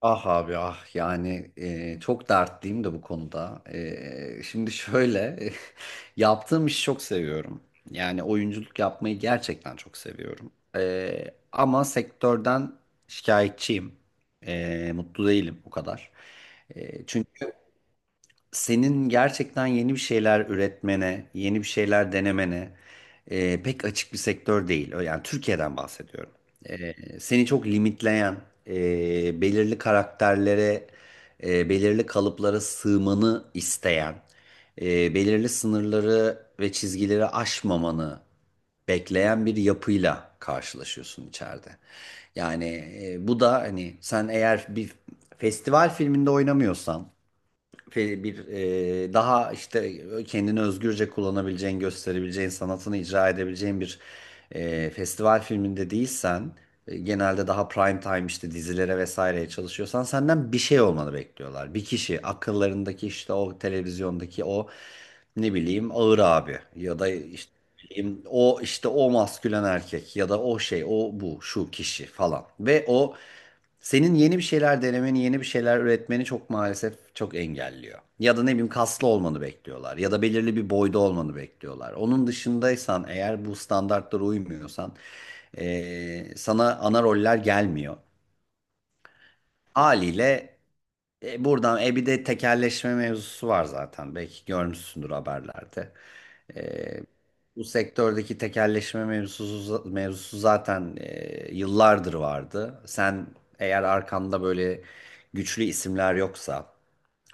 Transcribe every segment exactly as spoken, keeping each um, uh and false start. Ah abi ah yani e, çok dertliyim de bu konuda. E, şimdi şöyle yaptığım işi çok seviyorum. Yani oyunculuk yapmayı gerçekten çok seviyorum. E, ama sektörden şikayetçiyim. E, mutlu değilim o kadar. E, çünkü senin gerçekten yeni bir şeyler üretmene, yeni bir şeyler denemene e, pek açık bir sektör değil. Yani Türkiye'den bahsediyorum. E, seni çok limitleyen, e, belirli karakterlere, e, belirli kalıplara sığmanı isteyen, e, belirli sınırları ve çizgileri aşmamanı bekleyen bir yapıyla karşılaşıyorsun içeride. Yani e, bu da hani sen eğer bir festival filminde oynamıyorsan fe- bir e, daha işte kendini özgürce kullanabileceğin, gösterebileceğin, sanatını icra edebileceğin bir e, festival filminde değilsen, e, genelde daha prime time işte dizilere vesaireye çalışıyorsan senden bir şey olmanı bekliyorlar. Bir kişi akıllarındaki işte o televizyondaki o ne bileyim Ağır abi ya da işte Em, O işte o maskülen erkek ya da o şey o bu şu kişi falan. Ve o senin yeni bir şeyler denemeni, yeni bir şeyler üretmeni çok maalesef çok engelliyor. Ya da ne bileyim kaslı olmanı bekliyorlar ya da belirli bir boyda olmanı bekliyorlar. Onun dışındaysan eğer bu standartlara uymuyorsan e, sana ana roller gelmiyor. Haliyle e, buradan e bir de tekelleşme mevzusu var zaten. Belki görmüşsündür haberlerde. Bu sektördeki tekelleşme mevzusu, mevzusu zaten e, yıllardır vardı. Sen eğer arkanda böyle güçlü isimler yoksa,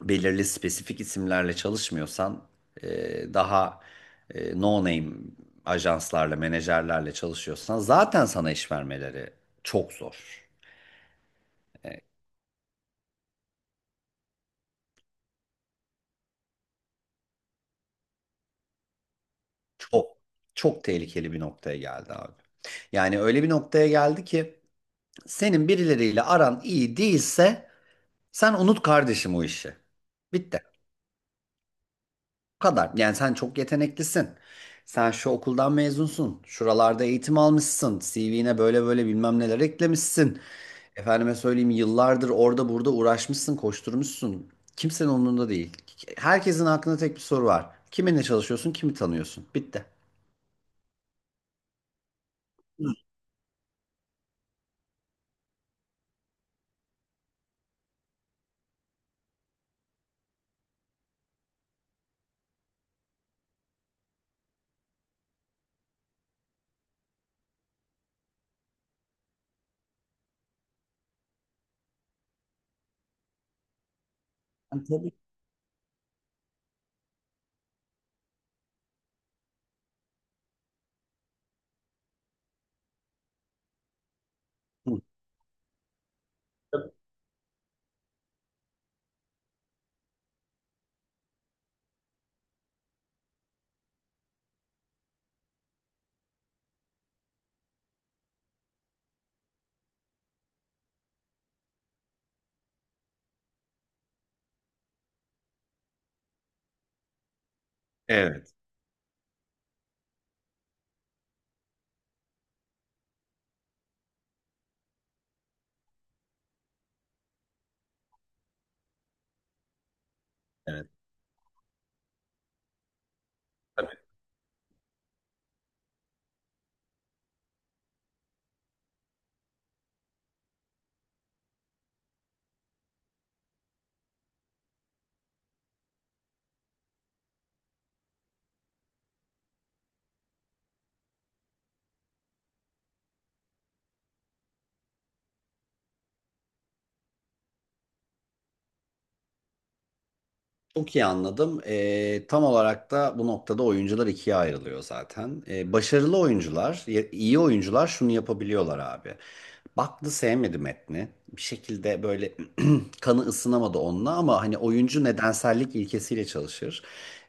belirli spesifik isimlerle çalışmıyorsan, e, daha e, no name ajanslarla, menajerlerle çalışıyorsan zaten sana iş vermeleri çok zor. Çok, çok tehlikeli bir noktaya geldi abi. Yani öyle bir noktaya geldi ki senin birileriyle aran iyi değilse sen unut kardeşim o işi. Bitti. Bu kadar. Yani sen çok yeteneklisin. Sen şu okuldan mezunsun. Şuralarda eğitim almışsın. C V'ne böyle böyle bilmem neler eklemişsin. Efendime söyleyeyim yıllardır orada burada uğraşmışsın, koşturmuşsun. Kimsenin umurunda değil. Herkesin aklında tek bir soru var. Kiminle çalışıyorsun, kimi tanıyorsun? Bitti. Ben tabii. Hı. Evet. Evet. Çok iyi anladım. Ee, tam olarak da bu noktada oyuncular ikiye ayrılıyor zaten. Ee, başarılı oyuncular, ya- iyi oyuncular şunu yapabiliyorlar abi. Baktı sevmedi metni. Bir şekilde böyle kanı ısınamadı onunla ama hani oyuncu nedensellik ilkesiyle çalışır.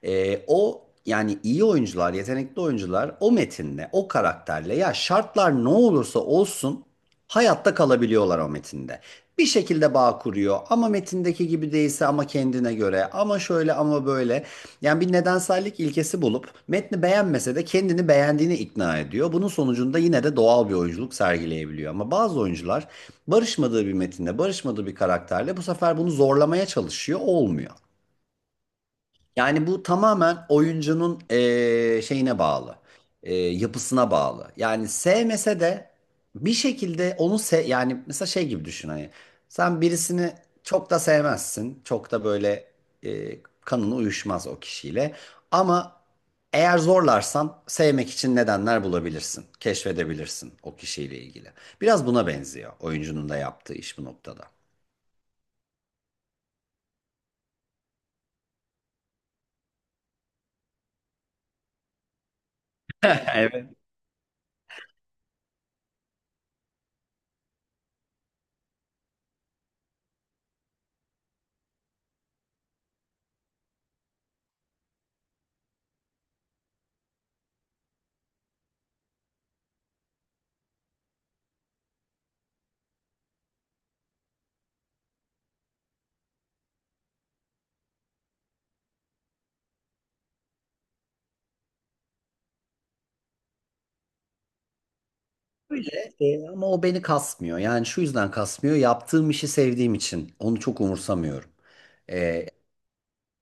Ee, o yani iyi oyuncular, yetenekli oyuncular o metinle, o karakterle ya şartlar ne olursa olsun hayatta kalabiliyorlar o metinde bir şekilde bağ kuruyor. Ama metindeki gibi değilse ama kendine göre ama şöyle ama böyle. Yani bir nedensellik ilkesi bulup metni beğenmese de kendini beğendiğini ikna ediyor. Bunun sonucunda yine de doğal bir oyunculuk sergileyebiliyor. Ama bazı oyuncular barışmadığı bir metinde, barışmadığı bir karakterle bu sefer bunu zorlamaya çalışıyor, olmuyor. Yani bu tamamen oyuncunun eee, şeyine bağlı, Eee, yapısına bağlı. Yani sevmese de bir şekilde onu se yani mesela şey gibi düşün hani sen birisini çok da sevmezsin, çok da böyle eee kanını uyuşmaz o kişiyle ama eğer zorlarsan sevmek için nedenler bulabilirsin, keşfedebilirsin o kişiyle ilgili. Biraz buna benziyor oyuncunun da yaptığı iş bu noktada. Öyle e, ama o beni kasmıyor. Yani şu yüzden kasmıyor. Yaptığım işi sevdiğim için onu çok umursamıyorum. E,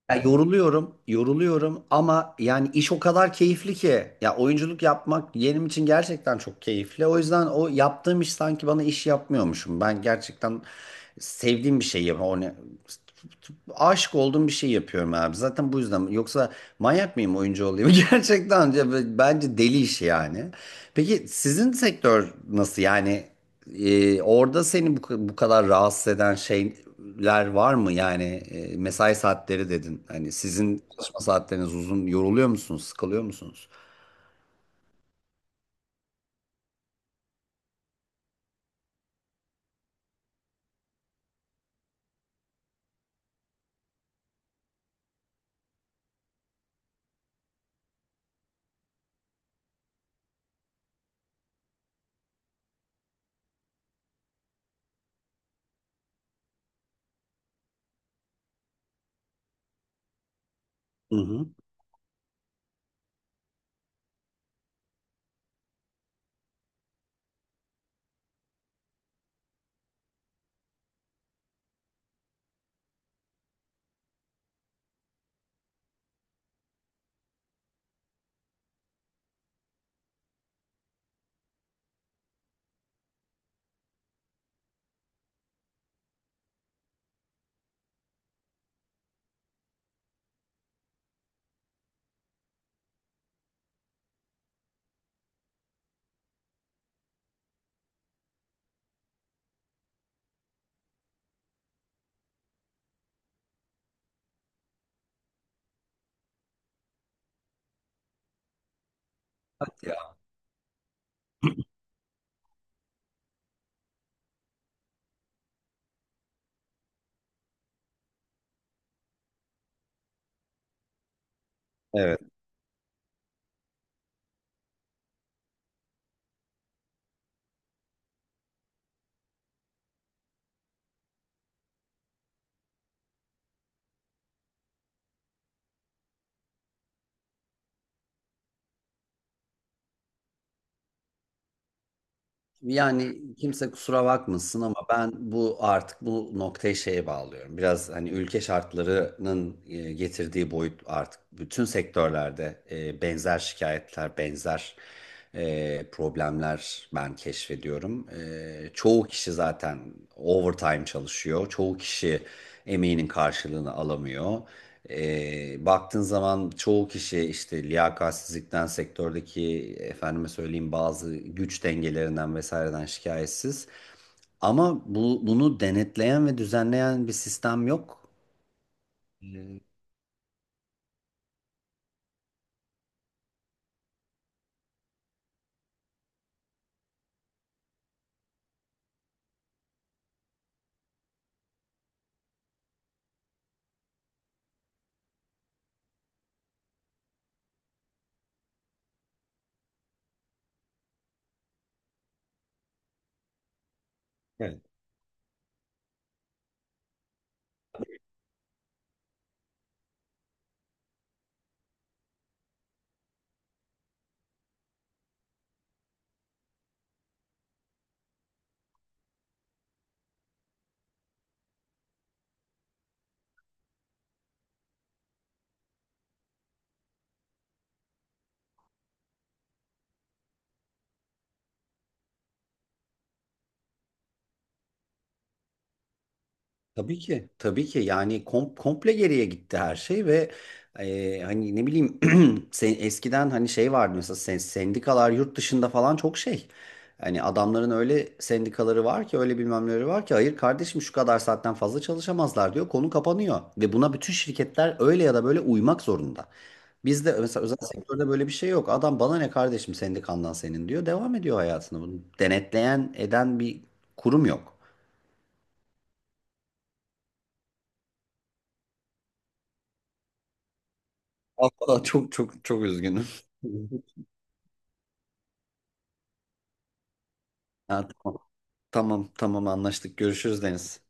ya yoruluyorum, yoruluyorum ama yani iş o kadar keyifli ki. Ya oyunculuk yapmak benim için gerçekten çok keyifli. O yüzden o yaptığım iş sanki bana iş yapmıyormuşum. Ben gerçekten sevdiğim bir şey yapıyorum. Aşık olduğum bir şey yapıyorum abi. Zaten bu yüzden. Yoksa manyak mıyım oyuncu olayım? Gerçekten ya bence deli iş yani. Peki sizin sektör nasıl? Yani e, orada seni bu, bu kadar rahatsız eden şeyler var mı? Yani e, mesai saatleri dedin. Hani sizin çalışma saatleriniz uzun. Yoruluyor musunuz? Sıkılıyor musunuz? Hı hı. Ya, evet. Yani kimse kusura bakmasın ama ben bu artık bu noktayı şeye bağlıyorum. Biraz hani ülke şartlarının e, getirdiği boyut artık bütün sektörlerde e, benzer şikayetler, benzer e, problemler ben keşfediyorum. E, Çoğu kişi zaten overtime çalışıyor. Çoğu kişi emeğinin karşılığını alamıyor. E, baktığın zaman çoğu kişi işte liyakatsizlikten, sektördeki efendime söyleyeyim bazı güç dengelerinden vesaireden şikayetsiz. Ama bu, bunu denetleyen ve düzenleyen bir sistem yok. Ee, Evet. Tabii ki. Tabii ki yani kom- komple geriye gitti her şey ve e, hani ne bileyim. Sen, eskiden hani şey vardı mesela sen, sendikalar yurt dışında falan çok şey. Hani adamların öyle sendikaları var ki öyle bilmem neleri var ki hayır kardeşim şu kadar saatten fazla çalışamazlar diyor konu kapanıyor. Ve buna bütün şirketler öyle ya da böyle uymak zorunda. Bizde mesela özel sektörde böyle bir şey yok. Adam bana ne kardeşim sendikandan senin diyor devam ediyor hayatını. Bunu denetleyen eden bir kurum yok. Vallahi çok çok çok üzgünüm. Ha, tamam tamam tamam anlaştık görüşürüz Deniz.